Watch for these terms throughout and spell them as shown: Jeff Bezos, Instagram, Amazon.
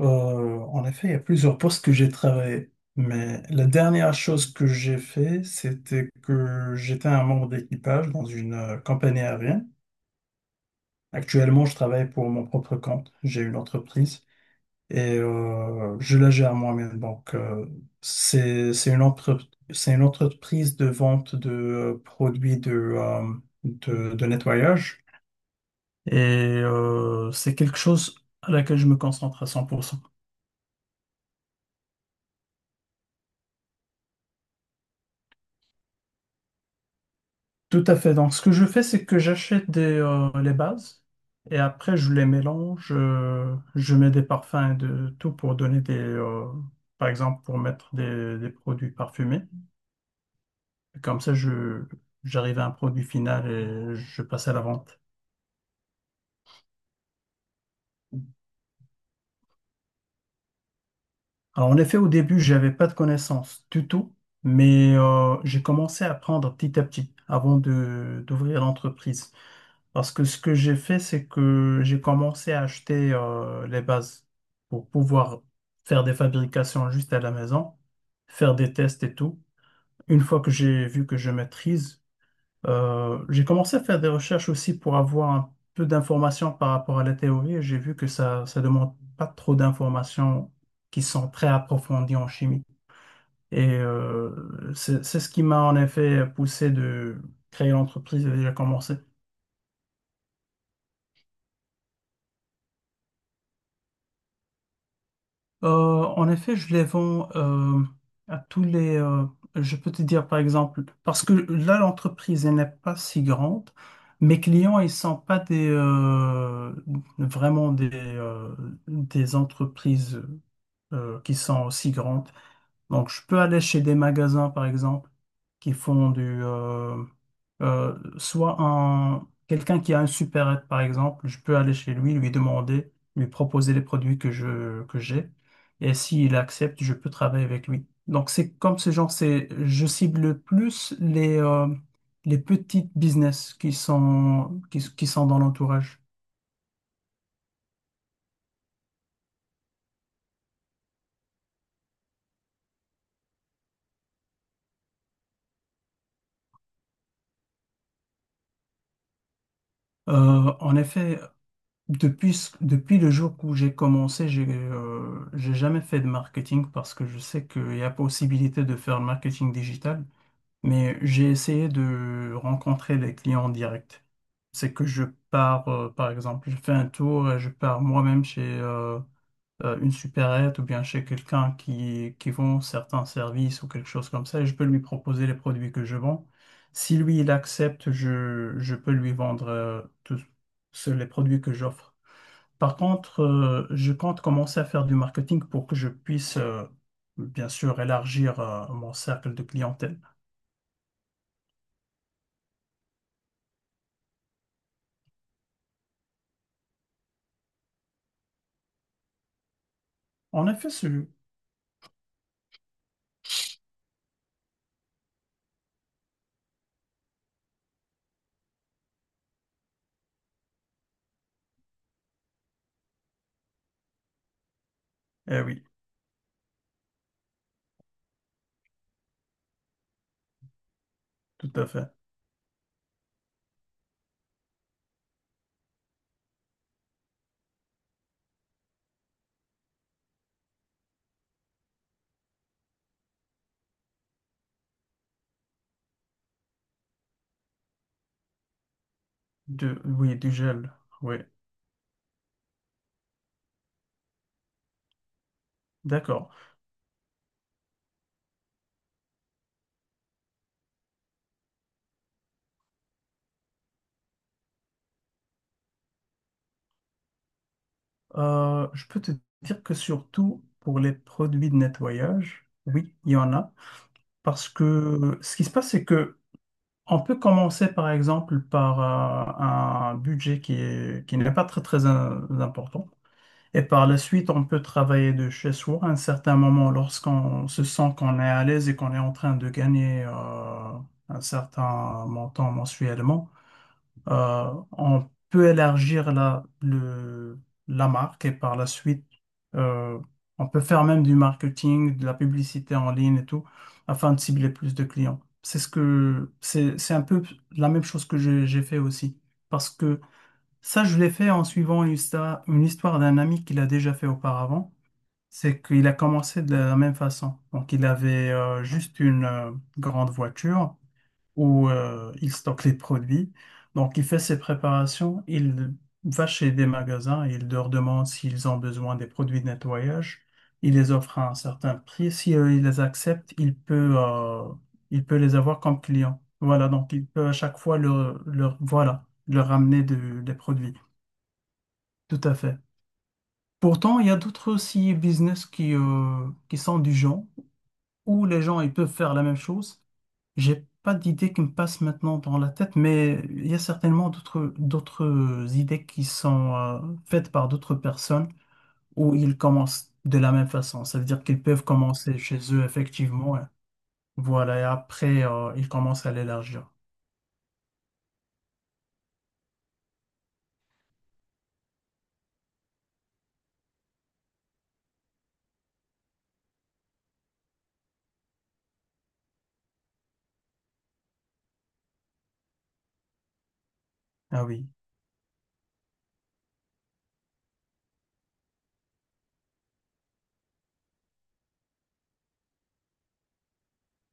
En effet, il y a plusieurs postes que j'ai travaillé, mais la dernière chose que j'ai fait, c'était que j'étais un membre d'équipage dans une compagnie aérienne. Actuellement, je travaille pour mon propre compte. J'ai une entreprise et je la gère moi-même. Donc, c'est une entreprise de vente de produits de nettoyage et c'est quelque chose à laquelle je me concentre à 100%. Tout à fait. Donc, ce que je fais, c'est que j'achète les bases et après, je les mélange. Je mets des parfums et de tout pour donner par exemple, pour mettre des produits parfumés. Comme ça, j'arrive à un produit final et je passe à la vente. Alors, en effet, au début, j'avais pas de connaissances du tout, mais j'ai commencé à apprendre petit à petit avant d'ouvrir l'entreprise. Parce que ce que j'ai fait, c'est que j'ai commencé à acheter les bases pour pouvoir faire des fabrications juste à la maison, faire des tests et tout. Une fois que j'ai vu que je maîtrise, j'ai commencé à faire des recherches aussi pour avoir un peu d'informations par rapport à la théorie. Et j'ai vu que ça demande pas trop d'informations qui sont très approfondies en chimie. Et c'est ce qui m'a en effet poussé de créer l'entreprise et déjà commencé. Euh, En effet, je les vends à tous les. Je peux te dire par exemple, parce que là, l'entreprise elle n'est pas si grande. Mes clients, ils sont pas des vraiment des entreprises qui sont aussi grandes. Donc, je peux aller chez des magasins, par exemple, qui font quelqu'un qui a un supérette, par exemple, je peux aller chez lui, lui demander, lui proposer les produits que j'ai. Et s'il accepte, je peux travailler avec lui. Donc, c'est comme ce genre, je cible plus les petites business qui sont dans l'entourage. En effet, depuis le jour où j'ai commencé, j'ai jamais fait de marketing parce que je sais qu'il y a possibilité de faire le marketing digital, mais j'ai essayé de rencontrer les clients en direct. C'est que par exemple, je fais un tour et je pars moi-même chez une supérette ou bien chez quelqu'un qui vend certains services ou quelque chose comme ça et je peux lui proposer les produits que je vends. Si lui, il accepte, je peux lui vendre tous les produits que j'offre. Par contre, je compte commencer à faire du marketing pour que je puisse, bien sûr, élargir, mon cercle de clientèle. En effet, celui. Eh oui, tout à fait. Oui, du gel. Oui, d'accord. Je peux te dire que surtout pour les produits de nettoyage, oui, il y en a. Parce que ce qui se passe, c'est que on peut commencer par exemple par un budget qui n'est pas très très important. Et par la suite, on peut travailler de chez soi à un certain moment lorsqu'on se sent qu'on est à l'aise et qu'on est en train de gagner un certain montant mensuellement. On peut élargir la marque et par la suite, euh, on peut faire même du marketing, de la publicité en ligne et tout, afin de cibler plus de clients. C'est ce que, c'est un peu la même chose que j'ai fait aussi. Parce que ça, je l'ai fait en suivant une histoire d'un ami qu'il a déjà fait auparavant. C'est qu'il a commencé de la même façon. Donc, il avait juste une grande voiture où il stocke les produits. Donc, il fait ses préparations, il va chez des magasins et il leur demande s'ils ont besoin des produits de nettoyage. Il les offre à un certain prix. Si il les accepte, il peut les avoir comme clients. Voilà, donc il peut à chaque fois voilà, leur ramener des produits. Tout à fait. Pourtant, il y a d'autres aussi business qui sont du genre où les gens ils peuvent faire la même chose, j'ai pas d'idée qui me passe maintenant dans la tête, mais il y a certainement d'autres idées qui sont faites par d'autres personnes où ils commencent de la même façon. Ça veut dire qu'ils peuvent commencer chez eux, effectivement. Hein. Voilà, et après, ils commencent à l'élargir. Ah oui,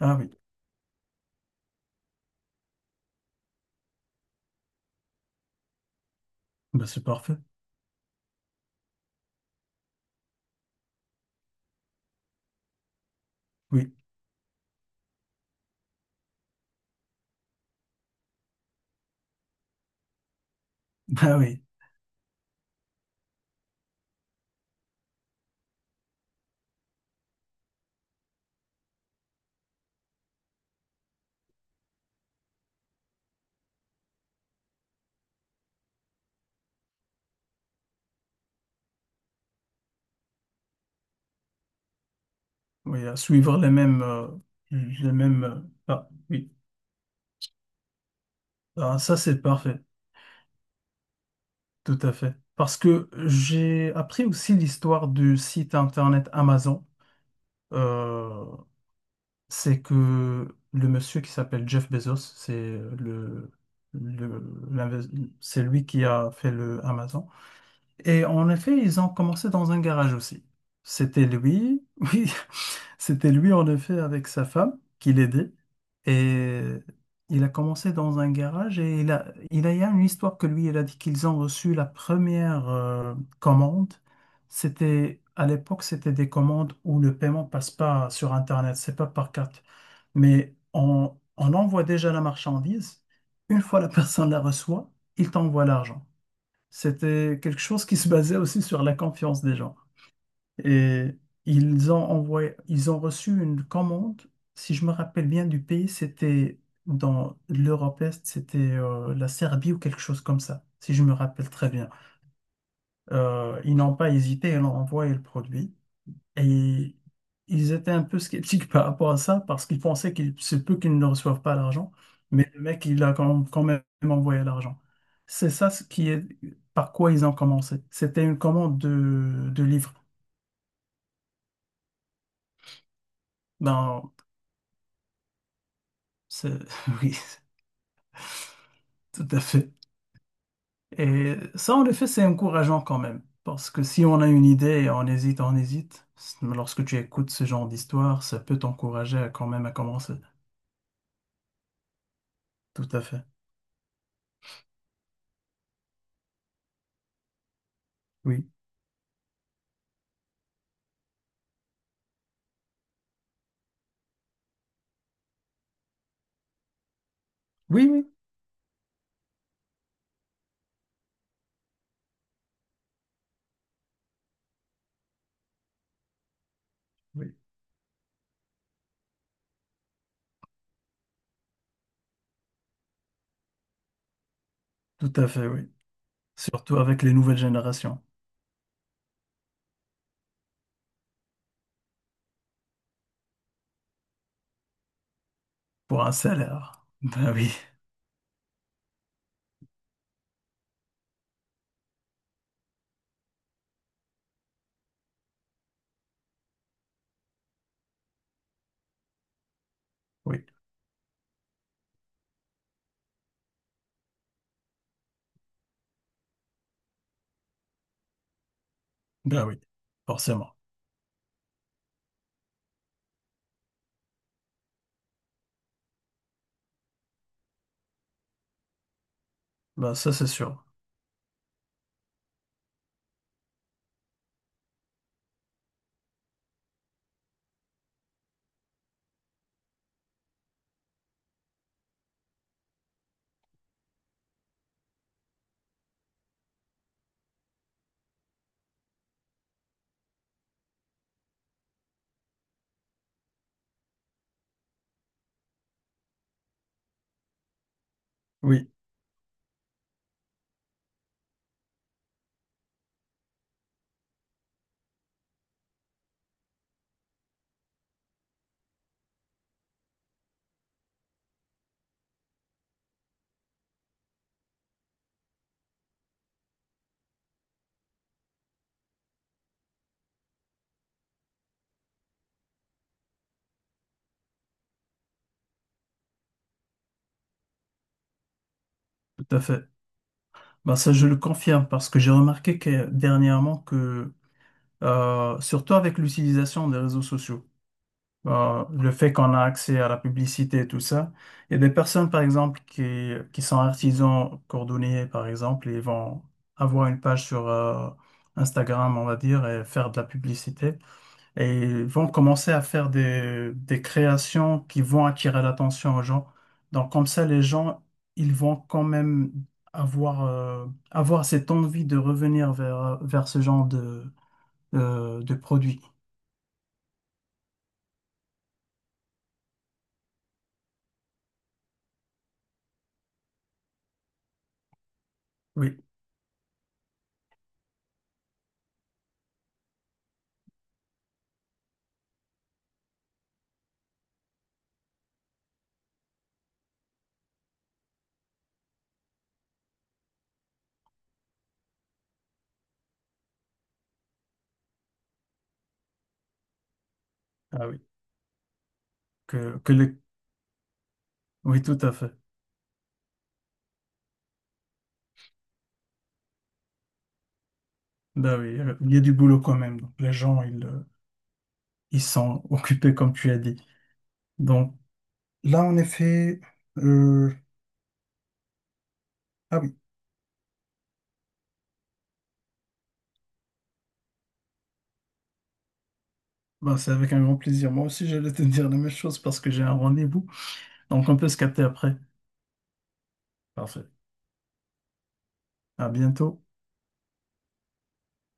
ah oui, ben, c'est parfait. Oui, ah oui, oui, à suivre les mêmes, les mêmes. Ah oui, ah, ça c'est parfait, tout à fait. Parce que j'ai appris aussi l'histoire du site internet Amazon. euh, c'est que le monsieur qui s'appelle Jeff Bezos, c'est le- l'inves- c'est lui qui a fait le Amazon. Et en effet, ils ont commencé dans un garage aussi. C'était lui, oui, c'était lui en effet avec sa femme qui l'aidait. Et il a commencé dans un garage et il y a une histoire que lui, il a dit qu'ils ont reçu la première commande. C'était, à l'époque, c'était des commandes où le paiement passe pas sur Internet, c'est pas par carte. Mais on envoie déjà la marchandise. Une fois la personne la reçoit, il t'envoie l'argent. C'était quelque chose qui se basait aussi sur la confiance des gens. Et ils ont reçu une commande, si je me rappelle bien du pays, c'était dans l'Europe Est, c'était la Serbie ou quelque chose comme ça, si je me rappelle très bien. Ils n'ont pas hésité, ils ont envoyé le produit. Et ils étaient un peu sceptiques par rapport à ça parce qu'ils pensaient qu'il se peut qu'ils ne reçoivent pas l'argent, mais le mec, il a quand même envoyé l'argent. C'est ça ce qui est par quoi ils ont commencé. C'était une commande de livres. Ben, c'est- oui, tout à fait. Et ça, en effet, c'est encourageant quand même. Parce que si on a une idée et on hésite, lorsque tu écoutes ce genre d'histoire, ça peut t'encourager à quand même à commencer. Tout à fait. Oui. Oui, oui. Oui. Tout à fait, oui. Surtout avec les nouvelles générations. Pour un salaire. Ben oui, oui, ben oui, forcément. Ben ça, c'est sûr. Oui, tout à fait. Ben ça, je le confirme parce que j'ai remarqué que dernièrement surtout avec l'utilisation des réseaux sociaux, le fait qu'on a accès à la publicité et tout ça, il y a des personnes, par exemple, qui sont artisans cordonniers, par exemple, et vont avoir une page sur, Instagram, on va dire, et faire de la publicité. Et vont commencer à faire des créations qui vont attirer l'attention aux gens. Donc comme ça, les gens, ils vont quand même avoir cette envie de revenir vers ce genre de produit. Oui, ah oui, que, que les... oui, tout à fait. Ben oui, il y a du boulot quand même. Donc, les gens, ils sont occupés, comme tu as dit. Donc là, en effet, euh, ah oui, ben, c'est avec un grand plaisir. Moi aussi, j'allais te dire la même chose parce que j'ai un rendez-vous. Donc on peut se capter après. Parfait. À bientôt.